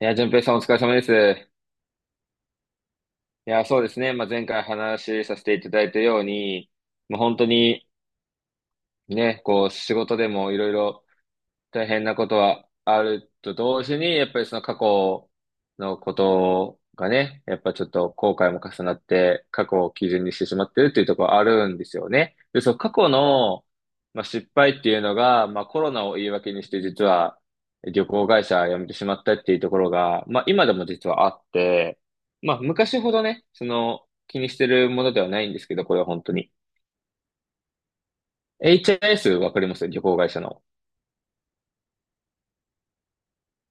いや、淳平さんお疲れ様です。いや、そうですね。まあ、前回話しさせていただいたように、まあ本当にね、こう仕事でもいろいろ大変なことはあると同時に、やっぱりその過去のことがね、やっぱちょっと後悔も重なって、過去を基準にしてしまってるっていうところあるんですよね。で、その過去の、まあ、失敗っていうのが、まあ、コロナを言い訳にして実は旅行会社辞めてしまったっていうところが、まあ、今でも実はあって、まあ、昔ほどね、その気にしてるものではないんですけど、これは本当に。HIS わかります旅行会社の。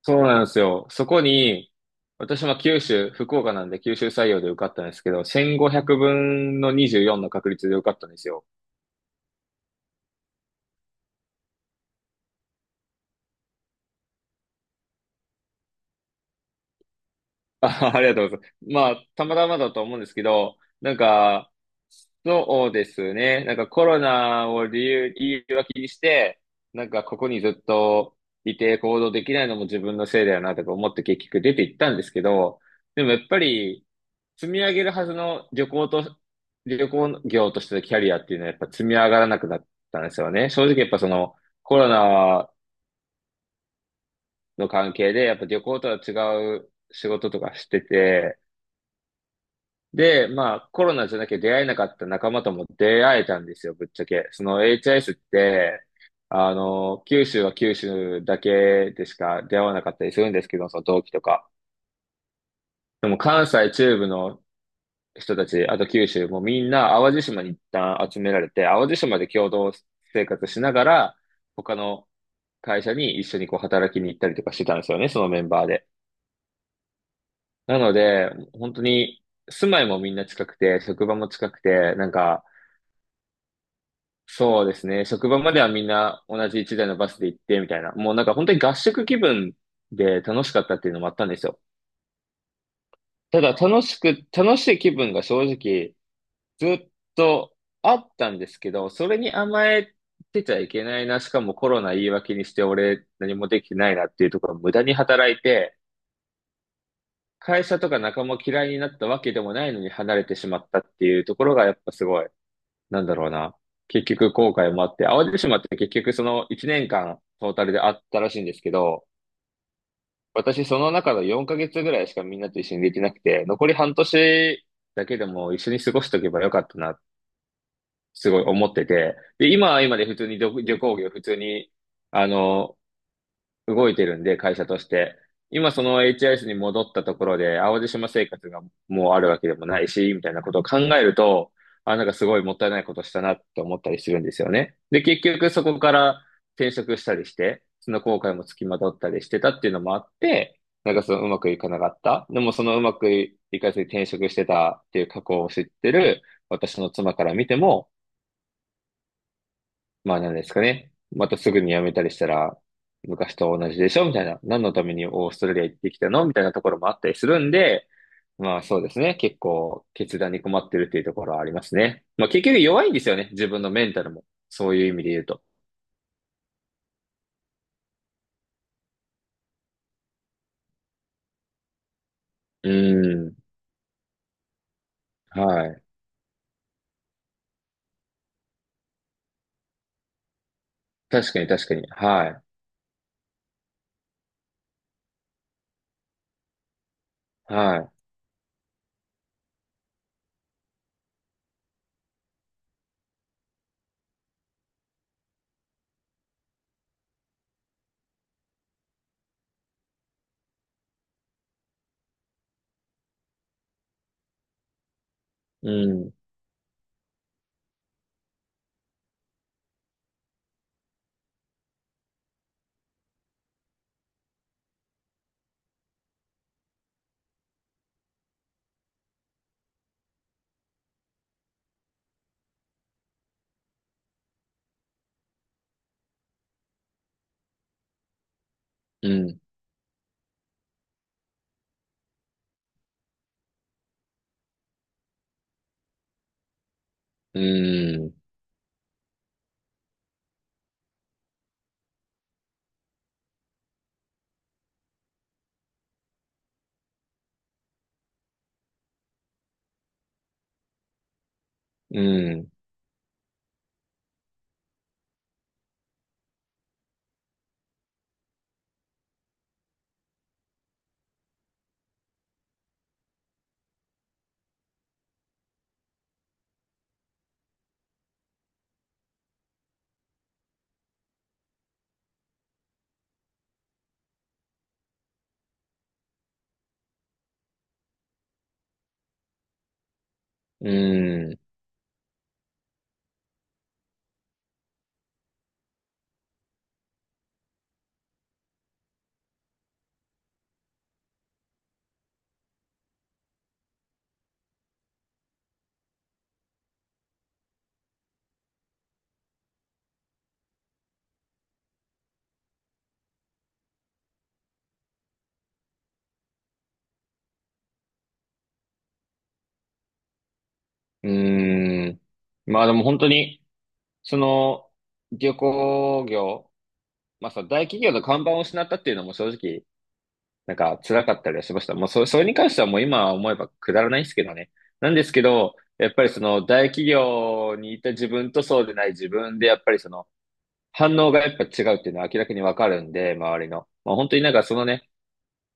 そうなんですよ。そこに、私は九州、福岡なんで九州採用で受かったんですけど、1500分の24の確率で受かったんですよ。あ、ありがとうございます。まあ、たまたまだと思うんですけど、なんか、そうですね。なんかコロナを理由はにして、なんかここにずっといて行動できないのも自分のせいだよなとか思って結局出て行ったんですけど、でもやっぱり、積み上げるはずの旅行と、旅行業としてのキャリアっていうのはやっぱ積み上がらなくなったんですよね。正直やっぱそのコロナの関係でやっぱ旅行とは違う仕事とかしてて、で、まあコロナじゃなきゃ出会えなかった仲間とも出会えたんですよ、ぶっちゃけ。その HIS って、あの、九州は九州だけでしか出会わなかったりするんですけど、その同期とか。でも関西中部の人たち、あと九州もみんな淡路島に一旦集められて、淡路島で共同生活しながら、他の会社に一緒にこう働きに行ったりとかしてたんですよね、そのメンバーで。なので、本当に住まいもみんな近くて、職場も近くて、なんか、そうですね、職場まではみんな同じ一台のバスで行ってみたいな、もうなんか本当に合宿気分で楽しかったっていうのもあったんですよ。ただ楽しい気分が正直、ずっとあったんですけど、それに甘えてちゃいけないな、しかもコロナ言い訳にして俺何もできてないなっていうところを無駄に働いて、会社とか仲間嫌いになったわけでもないのに離れてしまったっていうところがやっぱすごい、なんだろうな。結局後悔もあって、淡路島って結局その1年間トータルであったらしいんですけど、私その中の4ヶ月ぐらいしかみんなと一緒にできなくて、残り半年だけでも一緒に過ごしとけばよかったなすごい思ってて、で、今は今で普通に旅行業普通に、あの、動いてるんで、会社として。今その HIS に戻ったところで、淡路島生活がもうあるわけでもないし、みたいなことを考えると、あ、なんかすごいもったいないことしたなって思ったりするんですよね。で、結局そこから転職したりして、その後悔も付きまとったりしてたっていうのもあって、なんかそのうまくいかなかった。でもそのうまくいかずに転職してたっていう過去を知ってる私の妻から見ても、まあなんですかね。またすぐに辞めたりしたら、昔と同じでしょみたいな。何のためにオーストラリア行ってきたのみたいなところもあったりするんで、まあそうですね。結構決断に困ってるっていうところはありますね。まあ結局弱いんですよね。自分のメンタルも。そういう意味で言うと。うん。はい。確かに確かに。はい。はい。うん。うん。うん。うん。うん。うん。まあでも本当に、その、旅行業まあさ、大企業の看板を失ったっていうのも正直、なんか辛かったりはしました。もうそ、それに関してはもう今思えばくだらないんですけどね。なんですけど、やっぱりその大企業にいた自分とそうでない自分で、やっぱりその反応がやっぱ違うっていうのは明らかにわかるんで、周りの。まあ本当になんかそのね、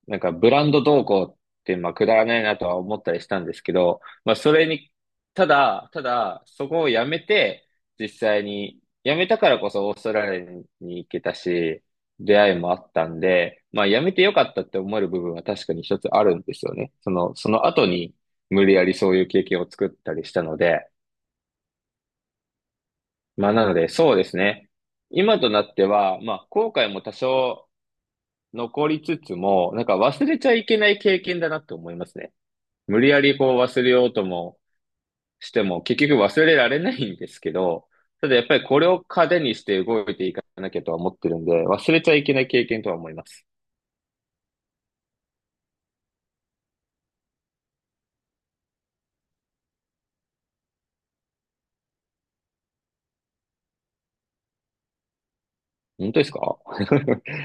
なんかブランド動向って、まあ、くだらないなとは思ったりしたんですけど、まあ、それに、ただそこをやめて、実際に、やめたからこそオーストラリアに行けたし、出会いもあったんで、まあ、やめてよかったって思える部分は確かに一つあるんですよね。その、その後に、無理やりそういう経験を作ったりしたので、まあ、なので、そうですね。今となっては、まあ、後悔も多少残りつつも、なんか忘れちゃいけない経験だなって思いますね。無理やりこう忘れようともしても、結局忘れられないんですけど、ただやっぱりこれを糧にして動いていかなきゃとは思ってるんで、忘れちゃいけない経験とは思います。本当ですか？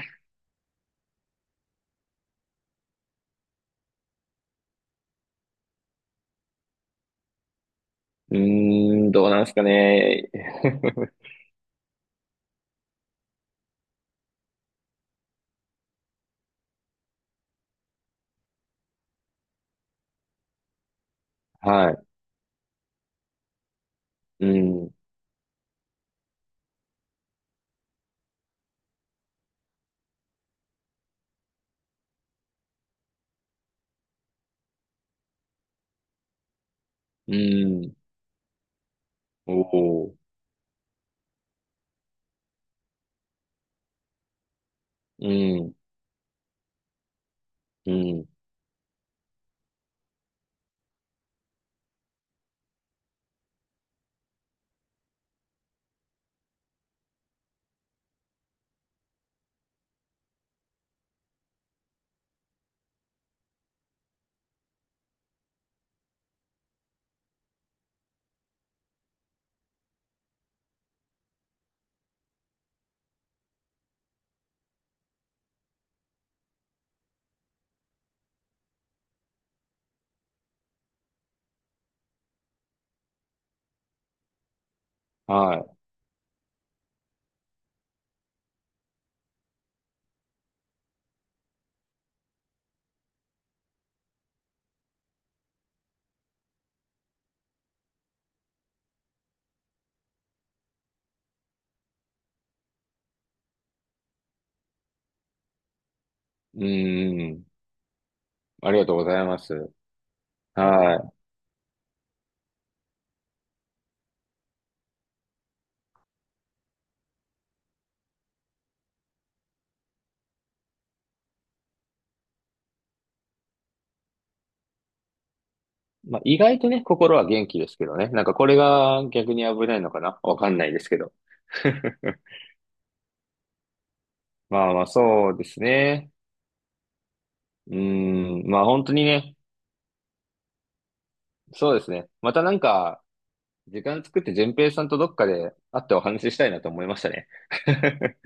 うーん、どうなんですかね。はい。うん、うん、おお、うん、うん、はい、うん、ありがとうございます。はい。まあ、意外とね、心は元気ですけどね。なんかこれが逆に危ないのかなわかんないですけど。まあまあ、そうですね。うーん、まあ本当にね、そうですね。またなんか、時間作って順平さんとどっかで会ってお話ししたいなと思いましたね。